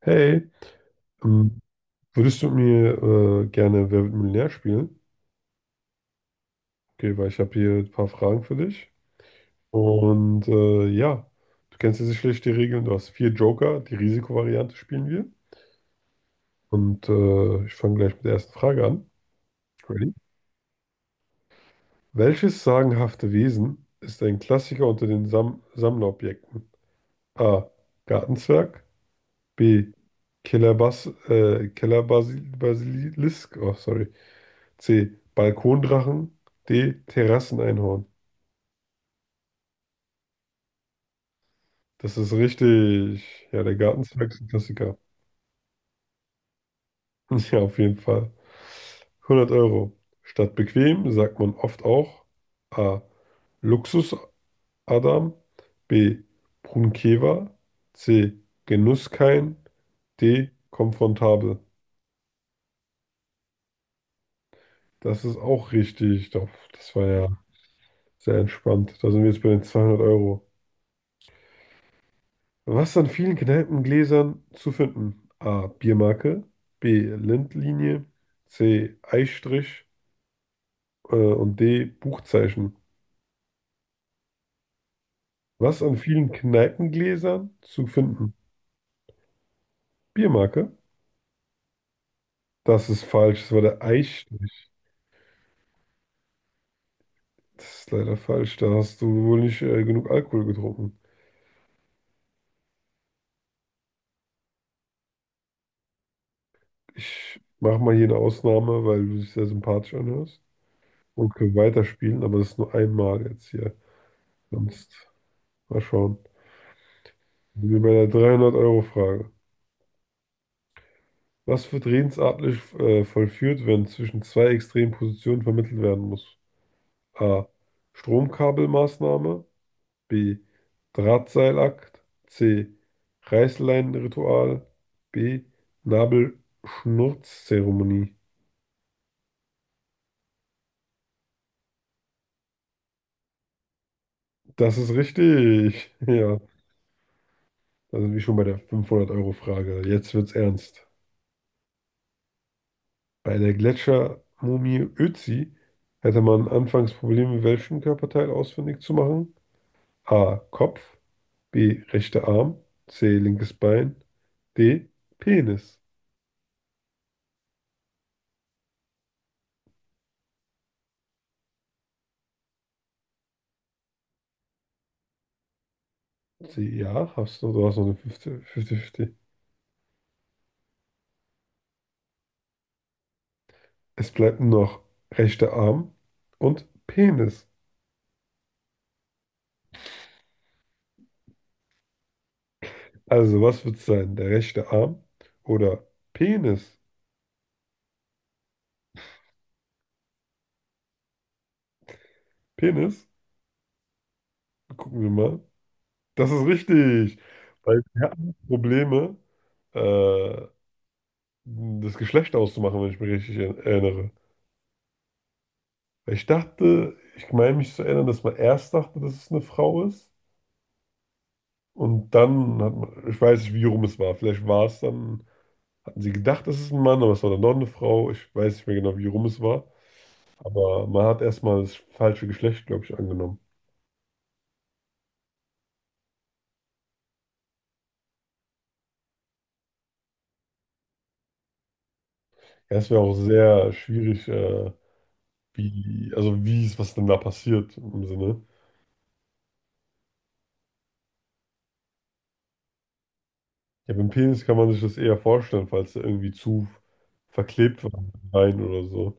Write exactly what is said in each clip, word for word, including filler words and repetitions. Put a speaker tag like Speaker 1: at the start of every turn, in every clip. Speaker 1: Hey, ähm, würdest du mit mir äh, gerne Wer wird Millionär spielen? Okay, weil ich habe hier ein paar Fragen für dich. Und äh, ja, du kennst ja sicherlich die Regeln. Du hast vier Joker, die Risikovariante spielen wir. Und äh, ich fange gleich mit der ersten Frage an. Ready? Welches sagenhafte Wesen ist ein Klassiker unter den Sam Sammlerobjekten? A. Gartenzwerg. B. Kellerbass äh, Kellerbasil Basilisk. Oh, sorry. C. Balkondrachen. D. Terrasseneinhorn. Das ist richtig. Ja, der Gartenzwerg ist ein Klassiker. Ja, auf jeden Fall. hundert Euro. Statt bequem sagt man oft auch A. Luxus-Adam. B. Brunkewa. C. Genusskein. D. Komfortabel. Das ist auch richtig. Doch, das war ja sehr entspannt. Da sind wir jetzt bei den zweihundert Euro. Was an vielen Kneipengläsern zu finden? A. Biermarke, B. Lindlinie, C. Eisstrich äh, und D. Buchzeichen. Was an vielen Kneipengläsern zu finden? Biermarke? Das ist falsch, das war der Eisstrich. Das ist leider falsch, da hast du wohl nicht äh, genug Alkohol getrunken. Ich mache mal hier eine Ausnahme, weil du dich sehr sympathisch anhörst und können weiterspielen, aber das ist nur einmal jetzt hier. Sonst mal schauen. Sind wir bei der dreihundert euro frage. Was wird redensartlich äh, vollführt, wenn zwischen zwei extremen Positionen vermittelt werden muss? A. Stromkabelmaßnahme. B. Drahtseilakt. C. Reißleinenritual. B. Nabelschnurzzeremonie. Das ist richtig. Ja, da sind wir schon bei der fünfhundert-Euro-Frage. Jetzt wird's ernst. Bei der Gletschermumie Ötzi hätte man anfangs Probleme, welchen Körperteil ausfindig zu machen. A. Kopf. B. Rechter Arm. C. Linkes Bein. D. Penis. C. Ja, hast du. Du hast noch eine fünfzig fünfzig. Es bleibt nur noch rechter Arm und Penis. Also, was wird es sein? Der rechte Arm oder Penis? Penis? Gucken wir mal. Das ist richtig. Weil wir hatten Probleme, äh, das Geschlecht auszumachen, wenn ich mich richtig er- erinnere. Weil ich dachte, ich meine mich zu erinnern, dass man erst dachte, dass es eine Frau ist. Und dann hat man, ich weiß nicht, wie rum es war. Vielleicht war es dann, hatten sie gedacht, es ist ein Mann, aber es war dann doch eine Frau. Ich weiß nicht mehr genau, wie rum es war. Aber man hat erstmal das falsche Geschlecht, glaube ich, angenommen. Ja, es wäre auch sehr schwierig, äh, wie, also wie ist, was denn da passiert im Sinne. Ja, beim Penis kann man sich das eher vorstellen, falls er irgendwie zu verklebt war mit Wein oder so.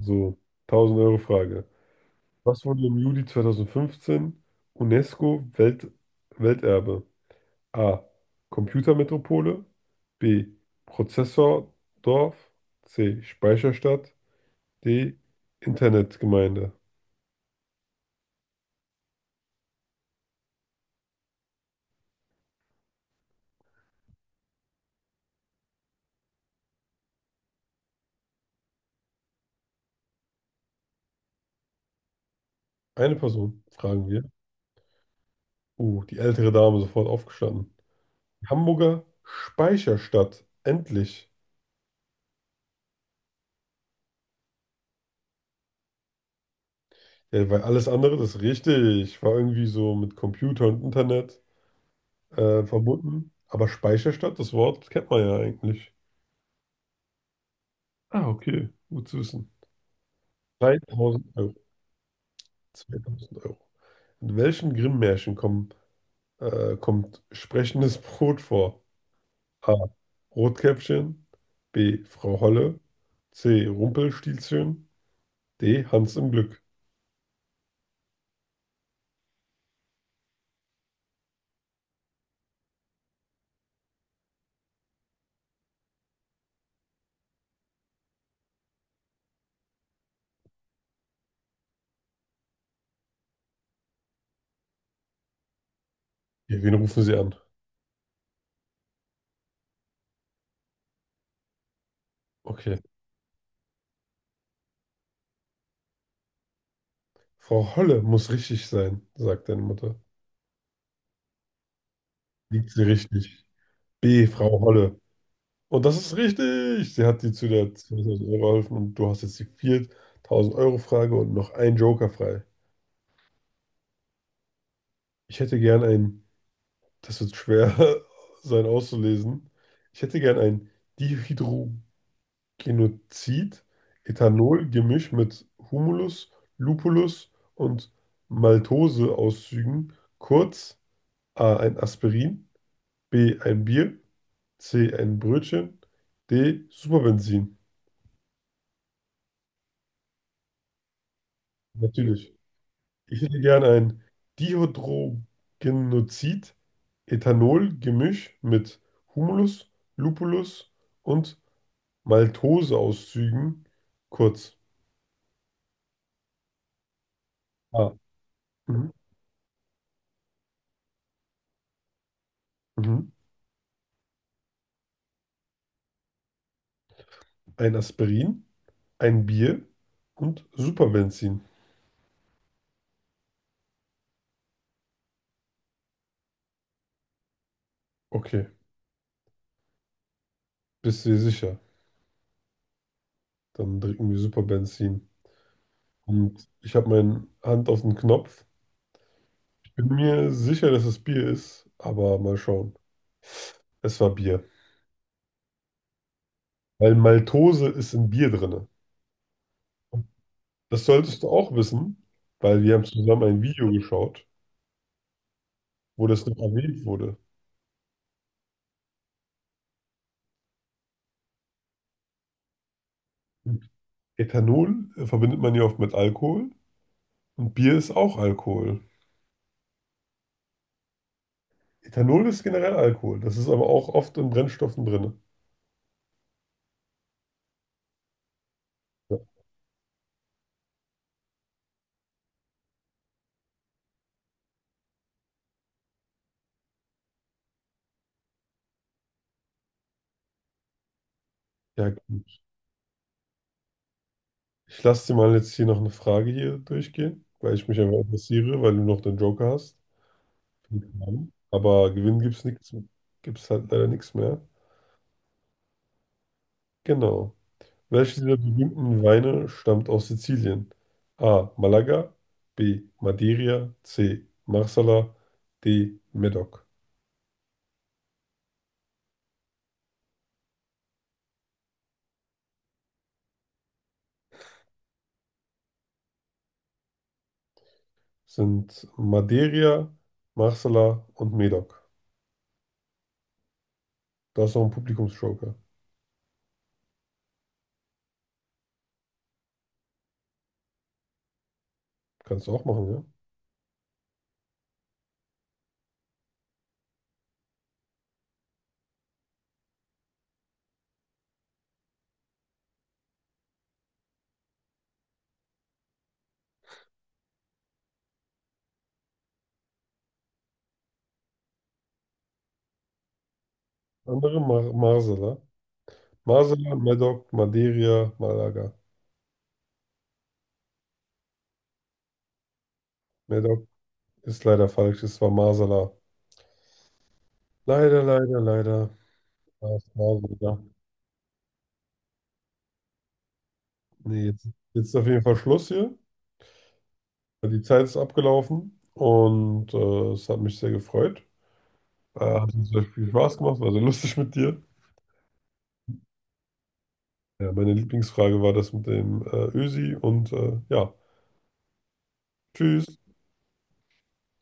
Speaker 1: So, tausend euro frage. Was wurde im Juli zwanzig fünfzehn UNESCO Welt, Welterbe? A. Computermetropole. B. Prozessordorf. C. Speicherstadt. D. Internetgemeinde. Eine Person, fragen wir. Uh, die ältere Dame sofort aufgestanden. Hamburger Speicherstadt. Endlich. Ja, weil alles andere, das ist richtig, war irgendwie so mit Computer und Internet äh, verbunden. Aber Speicherstadt, das Wort kennt man ja eigentlich. Ah, okay, gut zu wissen. dreitausend Euro. zweitausend Euro. In welchen Grimm-Märchen kommen äh, kommt sprechendes Brot vor? A. Rotkäppchen. B. Frau Holle. C. Rumpelstilzchen. D. Hans im Glück. Okay, wen rufen Sie an? Okay. Frau Holle muss richtig sein, sagt deine Mutter. Liegt sie richtig? B. Frau Holle. Und das ist richtig. Sie hat dir zu der zweitausend Euro geholfen und du hast jetzt die viertausend Euro Frage und noch einen Joker frei. Ich hätte gern ein, das wird schwer sein auszulesen. Ich hätte gern ein Dihydro Genozid, Ethanol-Gemisch mit Humulus, Lupulus und Maltose-Auszügen, kurz A. ein Aspirin, B. ein Bier, C. ein Brötchen, D. Superbenzin. Natürlich. Ich hätte gern ein Dihydrogenozid, Ethanol-Gemisch mit Humulus, Lupulus und Maltose-Auszügen, kurz A. Mhm. Mhm. Ein Aspirin, ein Bier und Superbenzin. Okay, bist du dir sicher? Dann trinken wir Superbenzin. Und ich habe meine Hand auf den Knopf. Ich bin mir sicher, dass es Bier ist, aber mal schauen. Es war Bier. Weil Maltose ist in Bier drin. Das solltest du auch wissen, weil wir haben zusammen ein Video geschaut, wo das noch erwähnt wurde. Und Ethanol äh, verbindet man ja oft mit Alkohol und Bier ist auch Alkohol. Ethanol ist generell Alkohol. Das ist aber auch oft in Brennstoffen drin. Ja, ja, Ich lasse dir mal jetzt hier noch eine Frage hier durchgehen, weil ich mich einfach interessiere, weil du noch den Joker hast. Aber gewinnen gibt's nichts, gibt's halt leider nichts mehr. Genau. Welche dieser berühmten Weine stammt aus Sizilien? A. Malaga, B. Madeira, C. Marsala, D. Medoc. Sind Madeira, Marsala und Medoc. Da ist noch ein Publikumsjoker. Kannst du auch machen, ja? Andere Mar Marsala. Marsala, Medoc, Madeira, Malaga. Medoc ist leider falsch, es war Marsala. Leider, leider, leider. War es war Marsala. Nee, jetzt, jetzt ist auf jeden Fall Schluss hier. Ja, die Zeit ist abgelaufen und äh, es hat mich sehr gefreut. Äh, hat uns sehr viel Spaß gemacht, war sehr lustig mit dir. Ja, meine Lieblingsfrage war das mit dem äh, Ösi und äh, ja, tschüss.